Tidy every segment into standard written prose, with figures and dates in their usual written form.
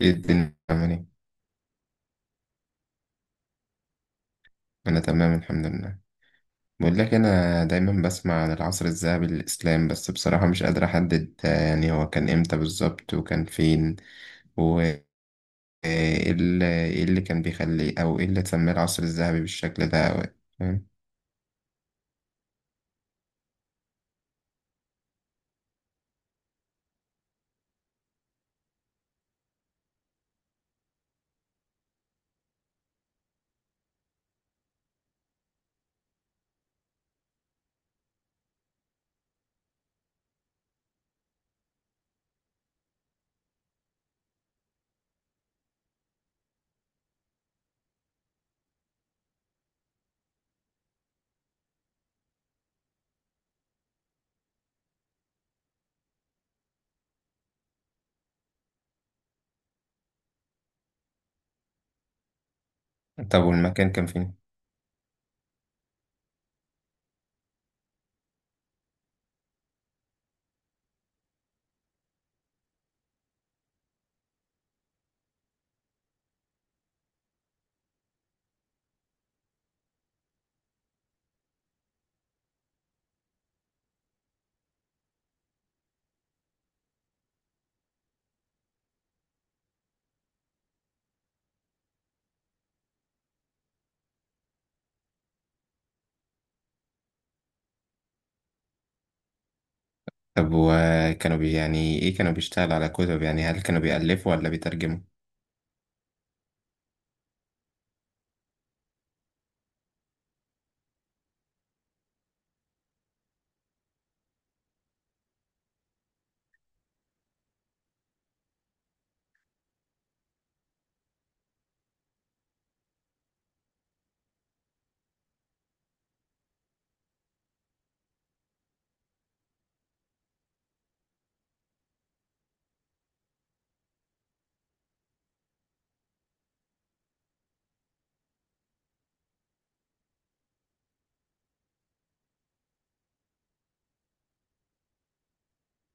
ايه الدنيا عامل ايه؟ انا تمام الحمد لله. بقول لك انا دايما بسمع عن العصر الذهبي للاسلام، بس بصراحة مش قادر احدد يعني هو كان امتى بالظبط وكان فين وايه اللي اللي كان بيخليه او ايه اللي تسميه العصر الذهبي بالشكل ده أو إيه، فاهم. طب والمكان كان فين. طب وكانوا بي يعني ايه كانوا بيشتغلوا على كتب، يعني هل كانوا بيألفوا ولا بيترجموا.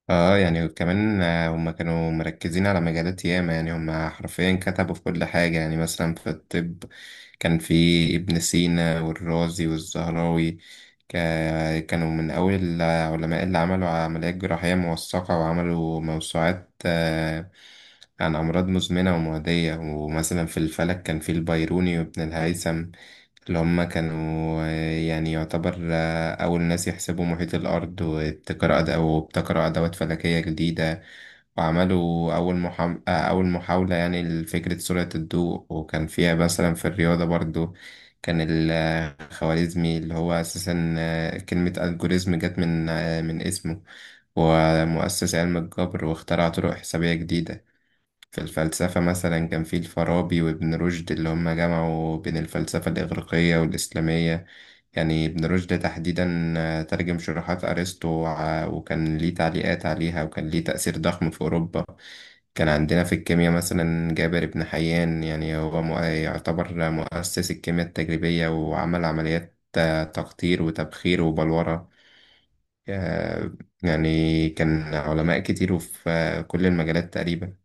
اه يعني وكمان، هم كانوا مركزين على مجالات ياما، يعني هم حرفيا كتبوا في كل حاجة. يعني مثلا في الطب كان في ابن سينا والرازي والزهراوي. كانوا من أول العلماء اللي عملوا عمليات جراحية موثقة وعملوا موسوعات عن أمراض مزمنة ومعدية. ومثلا في الفلك كان في البيروني وابن الهيثم، اللي هم كانوا، يعني يعتبر أول ناس يحسبوا محيط الأرض وابتكروا أدوات فلكية جديدة، وعملوا أول محاولة يعني لفكرة سرعة الضوء. وكان فيها مثلا في الرياضة برضو كان الخوارزمي، اللي هو أساسا كلمة ألجوريزم جت من اسمه، ومؤسس علم الجبر واخترع طرق حسابية جديدة. في الفلسفة مثلا كان في الفارابي وابن رشد، اللي هم جمعوا بين الفلسفة الإغريقية والإسلامية. يعني ابن رشد تحديدا ترجم شروحات أرسطو وكان ليه تعليقات عليها، وكان ليه تأثير ضخم في أوروبا. كان عندنا في الكيمياء مثلا جابر بن حيان، يعني يعتبر مؤسس الكيمياء التجريبية، وعمل عمليات تقطير وتبخير وبلورة. آه، يعني كان علماء كتير وفي كل المجالات تقريبا.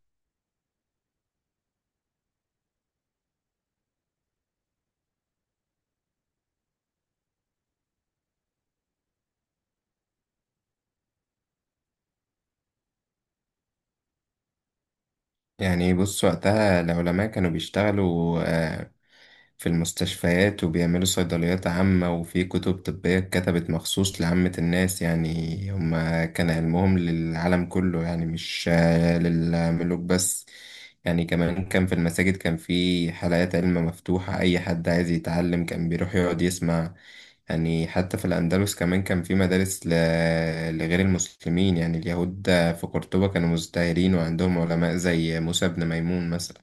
يعني بص وقتها العلماء كانوا بيشتغلوا في المستشفيات وبيعملوا صيدليات عامة، وفي كتب طبية اتكتبت مخصوص لعامة الناس. يعني هما كان علمهم للعالم كله، يعني مش للملوك بس. يعني كمان كان في المساجد، كان في حلقات علم مفتوحة، أي حد عايز يتعلم كان بيروح يقعد يسمع. يعني حتى في الأندلس كمان كان في مدارس لغير المسلمين، يعني اليهود في قرطبة كانوا مزدهرين وعندهم علماء زي موسى بن ميمون مثلا.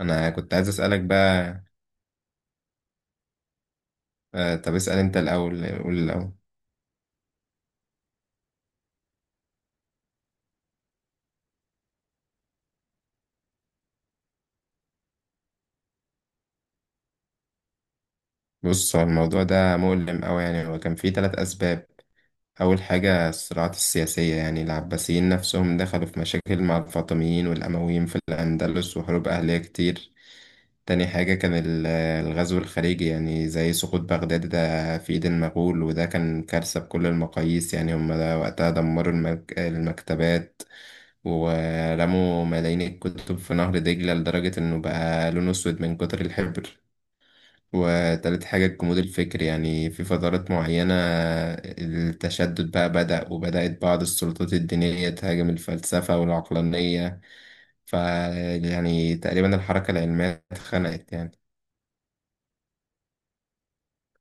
أنا كنت عايز أسألك بقى. طب اسأل أنت الأول، قول الأول. بص هو الموضوع ده مؤلم أوي، يعني هو كان فيه تلات أسباب. أول حاجة الصراعات السياسية، يعني العباسيين نفسهم دخلوا في مشاكل مع الفاطميين والأمويين في الأندلس وحروب أهلية كتير. تاني حاجة كان الغزو الخارجي، يعني زي سقوط بغداد ده في إيد المغول، وده كان كارثة بكل المقاييس. يعني هم ده وقتها دمروا المكتبات، ورموا ملايين الكتب في نهر دجلة لدرجة إنه بقى لونه أسود من كتر الحبر. وتالت حاجة الجمود الفكري، يعني في فترات معينة التشدد بقى بدأ، وبدأت بعض السلطات الدينية تهاجم الفلسفة والعقلانية، ف يعني تقريبا الحركة العلمية اتخنقت يعني.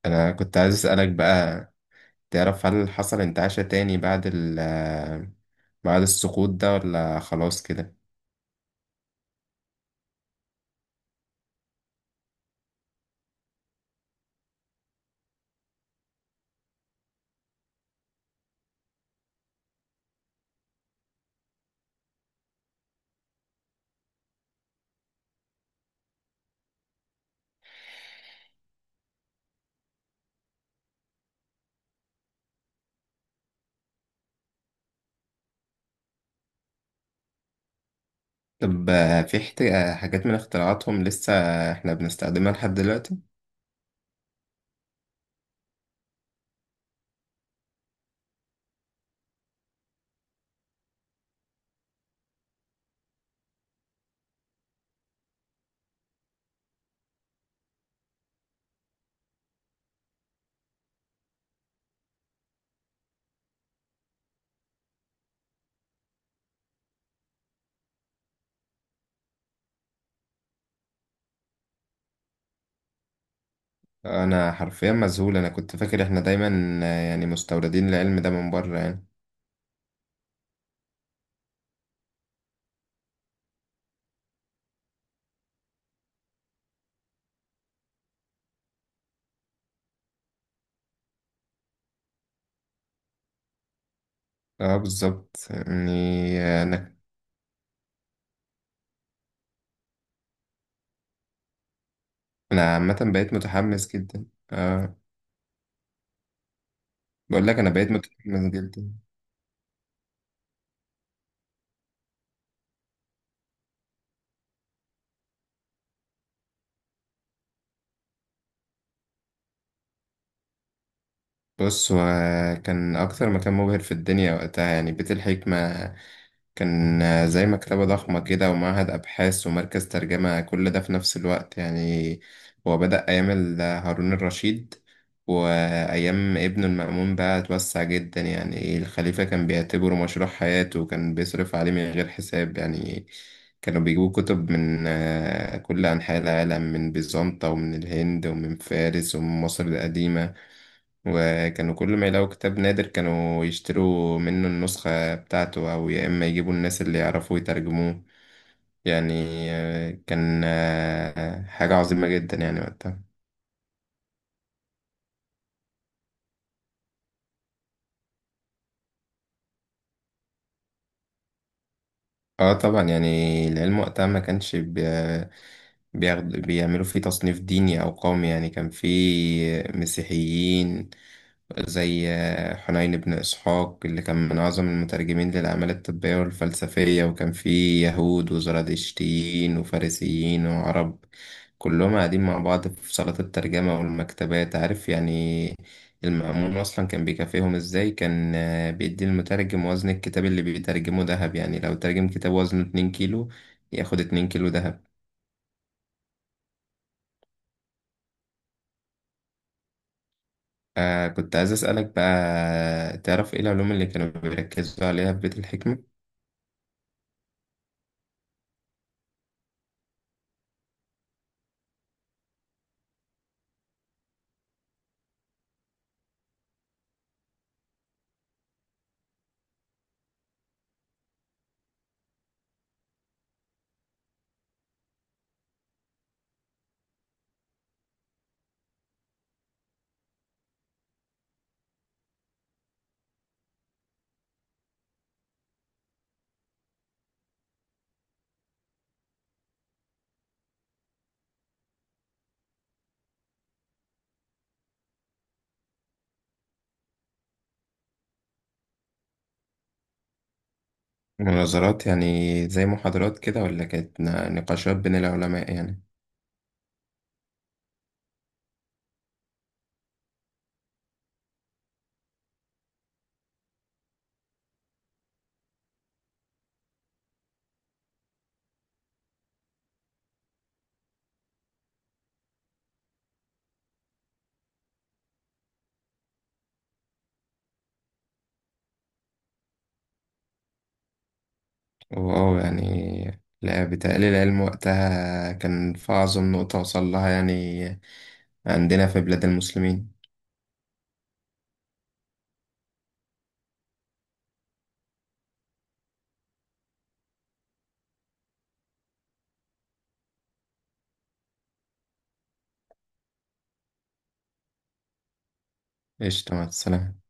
انا كنت عايز اسالك بقى، تعرف هل حصل انتعاشة تاني بعد السقوط ده ولا خلاص كده. طب في حاجات من اختراعاتهم لسه احنا بنستخدمها لحد دلوقتي. انا حرفيا مذهول، انا كنت فاكر احنا دايما يعني مستوردين العلم ده من بره يعني. اه بالظبط يعني. انا انا عامه بقيت متحمس جدا. اه. بقول لك انا بقيت متحمس جدا. بص هو كان أكتر مكان مبهر في الدنيا وقتها، يعني بيت الحكمة كان زي مكتبة ضخمة كده ومعهد أبحاث ومركز ترجمة، كل ده في نفس الوقت. يعني هو بدأ هارون الرشيد، وأيام ابنه المأمون بقى اتوسع جدا. يعني الخليفة كان بيعتبره مشروع حياته، وكان بيصرف عليه من غير حساب. يعني كانوا بيجيبوا كتب من كل أنحاء العالم، من بيزنطة ومن الهند ومن فارس ومن مصر القديمة. وكانوا كل ما يلاقوا كتاب نادر كانوا يشتروا منه النسخة بتاعته، أو يا إما يجيبوا الناس اللي يعرفوا يترجموه. يعني كان حاجة عظيمة جدا يعني وقتها. اه طبعا، يعني العلم وقتها ما كانش بي- بياخد بيعملوا فيه تصنيف ديني أو قومي. يعني كان فيه مسيحيين زي حنين بن إسحاق، اللي كان من أعظم المترجمين للأعمال الطبية والفلسفية. وكان فيه يهود وزرادشتيين وفارسيين وعرب، كلهم قاعدين مع بعض في صالات الترجمة والمكتبات، عارف يعني. المأمون أصلا كان بيكافئهم إزاي، كان بيدي المترجم وزن الكتاب اللي بيترجمه دهب. يعني لو ترجم كتاب وزنه 2 كيلو ياخد 2 كيلو دهب. آه كنت عايز أسألك بقى، تعرف إيه العلوم اللي كانوا بيركزوا عليها في بيت الحكمة؟ مناظرات يعني زي محاضرات كده، ولا كانت نقاشات بين العلماء يعني. واه يعني لا، بتقليل العلم وقتها كان في أعظم نقطة وصل لها، يعني عندنا في بلاد المسلمين. قشطة، مع السلامة.